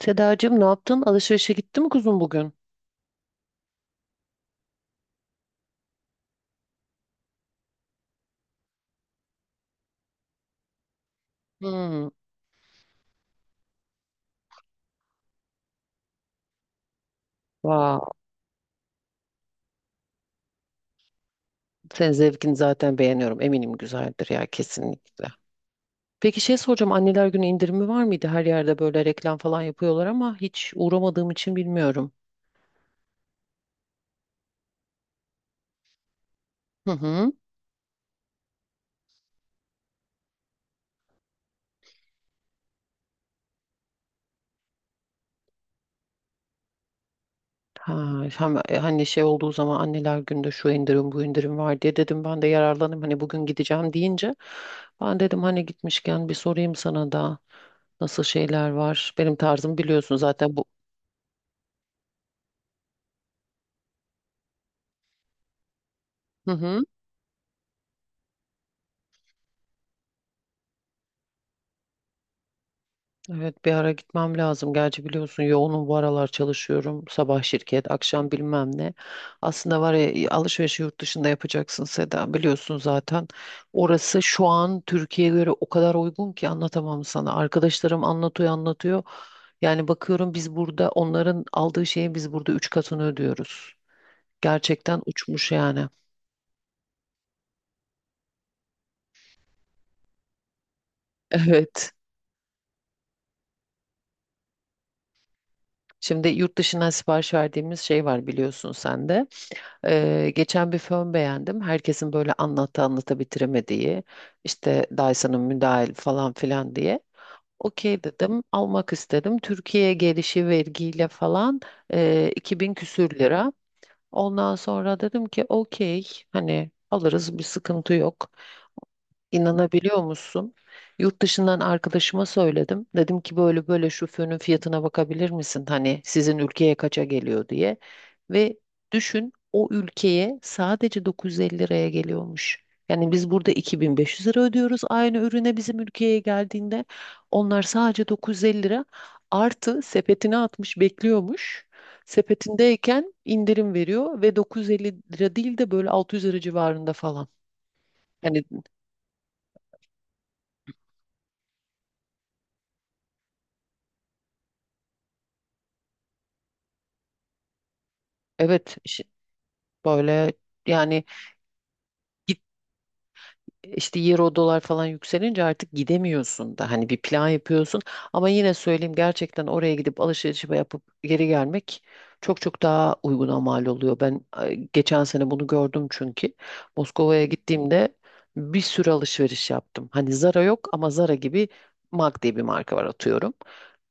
Sedacığım, ne yaptın? Alışverişe gitti mi kuzum bugün? Hmm. Wow. Senin zevkini zaten beğeniyorum. Eminim güzeldir ya, kesinlikle. Peki, şey soracağım. Anneler Günü indirimi var mıydı? Her yerde böyle reklam falan yapıyorlar ama hiç uğramadığım için bilmiyorum. Hı hı. Ha, hani şey olduğu zaman anneler günde şu indirim bu indirim var diye dedim ben de yararlanayım, hani bugün gideceğim deyince ben dedim hani gitmişken bir sorayım sana da nasıl şeyler var, benim tarzım biliyorsun zaten bu. Hı hı. Evet, bir ara gitmem lazım. Gerçi biliyorsun yoğunum bu aralar, çalışıyorum. Sabah şirket, akşam bilmem ne. Aslında var ya, alışverişi yurt dışında yapacaksın Seda. Biliyorsun zaten. Orası şu an Türkiye'ye göre o kadar uygun ki anlatamam sana. Arkadaşlarım anlatıyor anlatıyor. Yani bakıyorum, biz burada onların aldığı şeyin biz burada üç katını ödüyoruz. Gerçekten uçmuş yani. Evet. Şimdi yurt dışından sipariş verdiğimiz şey var, biliyorsun sen de. Geçen bir fön beğendim. Herkesin böyle anlattı anlata bitiremediği işte Dyson'ın, müdahil falan filan diye. Okey dedim, almak istedim. Türkiye'ye gelişi vergiyle falan 2000 küsür lira. Ondan sonra dedim ki okey, hani alırız, bir sıkıntı yok. İnanabiliyor musun? Yurt dışından arkadaşıma söyledim. Dedim ki böyle böyle şu fönün fiyatına bakabilir misin? Hani sizin ülkeye kaça geliyor diye. Ve düşün, o ülkeye sadece 950 liraya geliyormuş. Yani biz burada 2500 lira ödüyoruz aynı ürüne bizim ülkeye geldiğinde. Onlar sadece 950 lira artı sepetine atmış bekliyormuş. Sepetindeyken indirim veriyor ve 950 lira değil de böyle 600 lira civarında falan. Yani evet, böyle yani işte euro dolar falan yükselince artık gidemiyorsun da hani bir plan yapıyorsun ama yine söyleyeyim, gerçekten oraya gidip alışveriş yapıp geri gelmek çok çok daha uyguna mal oluyor. Ben geçen sene bunu gördüm çünkü Moskova'ya gittiğimde bir sürü alışveriş yaptım. Hani Zara yok ama Zara gibi MAC diye bir marka var, atıyorum.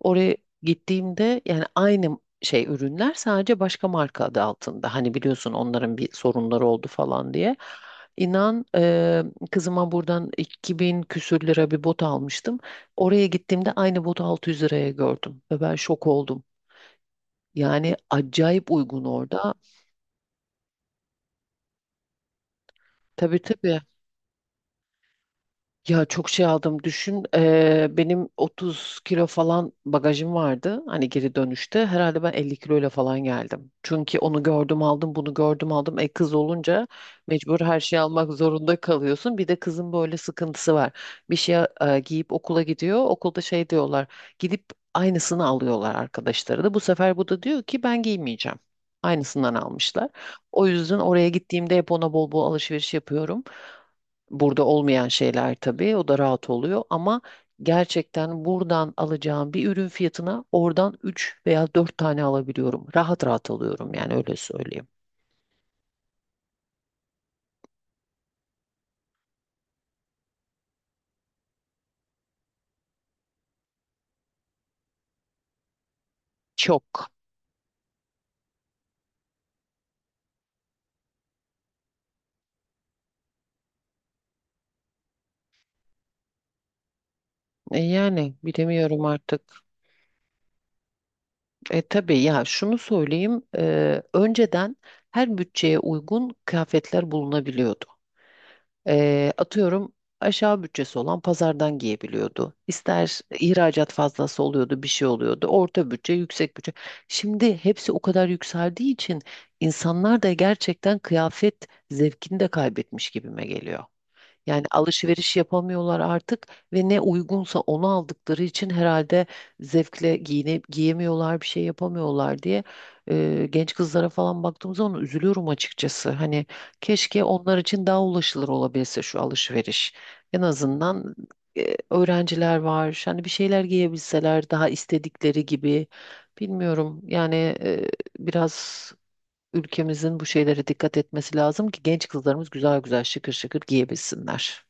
Oraya gittiğimde yani aynı şey, ürünler sadece başka marka adı altında. Hani biliyorsun onların bir sorunları oldu falan diye. İnan, kızıma buradan 2000 küsür lira bir bot almıştım. Oraya gittiğimde aynı botu 600 liraya gördüm ve ben şok oldum. Yani acayip uygun orada. Tabii tabii. Ya çok şey aldım, düşün. Benim 30 kilo falan bagajım vardı, hani geri dönüşte. Herhalde ben 50 kiloyla falan geldim. Çünkü onu gördüm aldım, bunu gördüm aldım. E kız olunca mecbur her şeyi almak zorunda kalıyorsun. Bir de kızın böyle sıkıntısı var. Bir şey giyip okula gidiyor. Okulda şey diyorlar. Gidip aynısını alıyorlar arkadaşları da. Bu sefer bu da diyor ki ben giymeyeceğim. Aynısından almışlar. O yüzden oraya gittiğimde hep ona bol bol alışveriş yapıyorum. Burada olmayan şeyler tabii, o da rahat oluyor ama gerçekten buradan alacağım bir ürün fiyatına oradan 3 veya 4 tane alabiliyorum. Rahat rahat alıyorum, yani öyle söyleyeyim. Çok. Yani bilemiyorum artık. E tabii ya, şunu söyleyeyim. Önceden her bütçeye uygun kıyafetler bulunabiliyordu. Atıyorum, aşağı bütçesi olan pazardan giyebiliyordu. İster ihracat fazlası oluyordu, bir şey oluyordu. Orta bütçe, yüksek bütçe. Şimdi hepsi o kadar yükseldiği için insanlar da gerçekten kıyafet zevkini de kaybetmiş gibime geliyor. Yani alışveriş yapamıyorlar artık ve ne uygunsa onu aldıkları için herhalde zevkle giyemiyorlar, bir şey yapamıyorlar diye genç kızlara falan baktığım zaman üzülüyorum açıkçası. Hani keşke onlar için daha ulaşılır olabilse şu alışveriş. En azından öğrenciler var. Hani bir şeyler giyebilseler daha istedikleri gibi. Bilmiyorum. Yani e, biraz ülkemizin bu şeylere dikkat etmesi lazım ki genç kızlarımız güzel güzel şıkır şıkır giyebilsinler.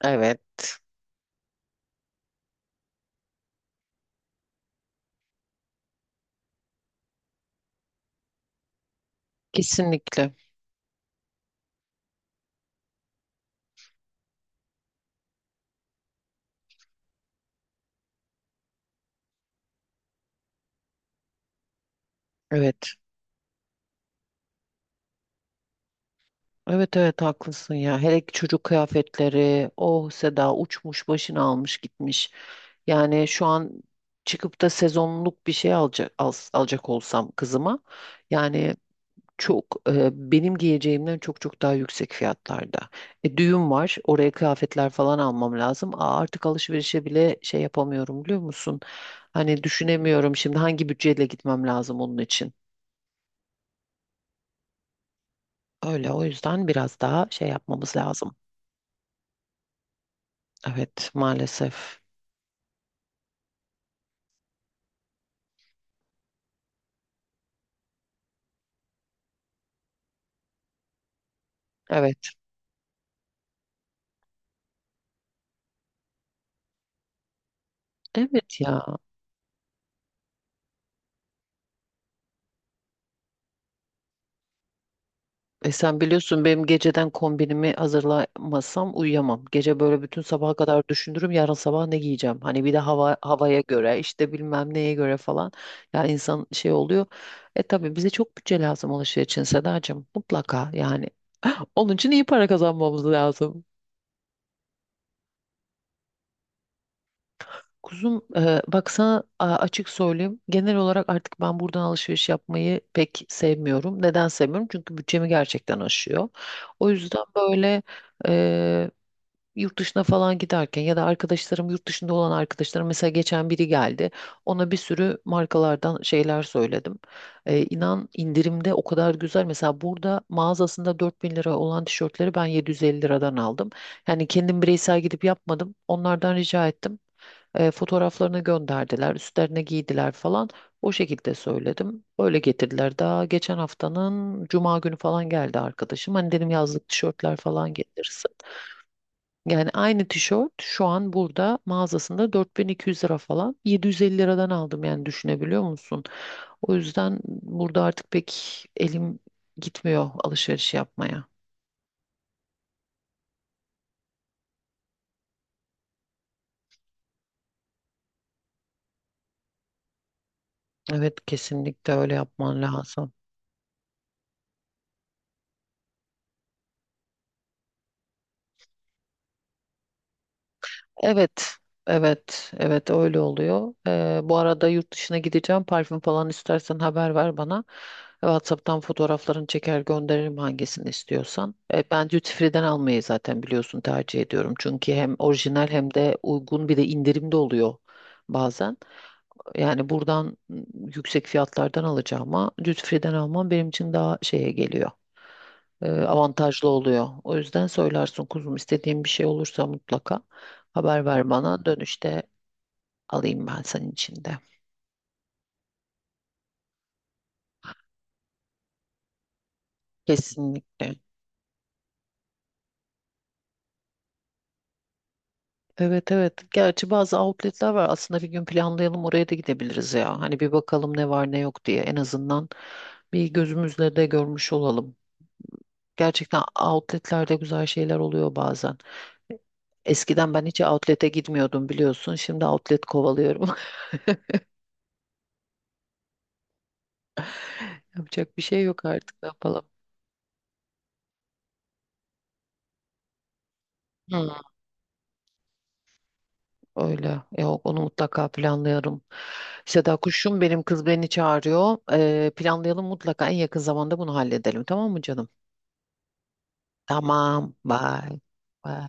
Evet. Kesinlikle. Evet. Evet evet, haklısın ya. Hele ki çocuk kıyafetleri. Oh Seda, uçmuş başını almış gitmiş. Yani şu an çıkıp da sezonluk bir şey alacak alacak olsam kızıma, yani çok benim giyeceğimden çok çok daha yüksek fiyatlarda. Düğün var. Oraya kıyafetler falan almam lazım. Aa, artık alışverişe bile şey yapamıyorum, biliyor musun? Hani düşünemiyorum şimdi hangi bütçeyle gitmem lazım onun için. Öyle, o yüzden biraz daha şey yapmamız lazım. Evet, maalesef. Evet. Evet ya. Sen biliyorsun, benim geceden kombinimi hazırlamasam uyuyamam. Gece böyle bütün sabaha kadar düşünürüm yarın sabah ne giyeceğim. Hani bir de hava havaya göre, işte bilmem neye göre falan. Ya insan şey oluyor. Tabii bize çok bütçe lazım alışveriş için, Sedacığım. Mutlaka yani. Onun için iyi para kazanmamız lazım. Kuzum bak sana açık söyleyeyim. Genel olarak artık ben buradan alışveriş yapmayı pek sevmiyorum. Neden sevmiyorum? Çünkü bütçemi gerçekten aşıyor. O yüzden böyle e, yurt dışına falan giderken ya da arkadaşlarım, yurt dışında olan arkadaşlarım, mesela geçen biri geldi. Ona bir sürü markalardan şeyler söyledim. E, inan indirimde o kadar güzel. Mesela burada mağazasında 4000 lira olan tişörtleri ben 750 liradan aldım. Yani kendim bireysel gidip yapmadım. Onlardan rica ettim. Fotoğraflarını gönderdiler, üstlerine giydiler falan. O şekilde söyledim. Öyle getirdiler. Daha geçen haftanın cuma günü falan geldi arkadaşım. Hani dedim yazlık tişörtler falan getirirsin. Yani aynı tişört şu an burada mağazasında 4200 lira falan. 750 liradan aldım, yani düşünebiliyor musun? O yüzden burada artık pek elim gitmiyor alışveriş yapmaya. Evet, kesinlikle öyle yapman lazım. Evet, evet, evet, öyle oluyor. Bu arada yurt dışına gideceğim. Parfüm falan istersen haber ver bana. WhatsApp'tan fotoğraflarını çeker gönderirim hangisini istiyorsan. Ben duty free'den almayı zaten biliyorsun, tercih ediyorum. Çünkü hem orijinal hem de uygun, bir de indirimde oluyor bazen. Yani buradan yüksek fiyatlardan alacağıma duty free'den almam benim için daha şeye geliyor, avantajlı oluyor. O yüzden söylersin kuzum, istediğin bir şey olursa mutlaka haber ver bana. Dönüşte alayım ben senin için de. Kesinlikle. Evet evet. Gerçi bazı outletler var. Aslında bir gün planlayalım, oraya da gidebiliriz ya. Hani bir bakalım ne var ne yok diye. En azından bir gözümüzle de görmüş olalım. Gerçekten outletlerde güzel şeyler oluyor bazen. Eskiden ben hiç outlet'e gitmiyordum, biliyorsun. Şimdi outlet kovalıyorum. Yapacak bir şey yok, artık ne yapalım. Öyle. Yok, onu mutlaka planlayalım. Seda kuşum, benim kız beni çağırıyor. Planlayalım mutlaka, en yakın zamanda bunu halledelim. Tamam mı canım? Tamam. Bye. Bye.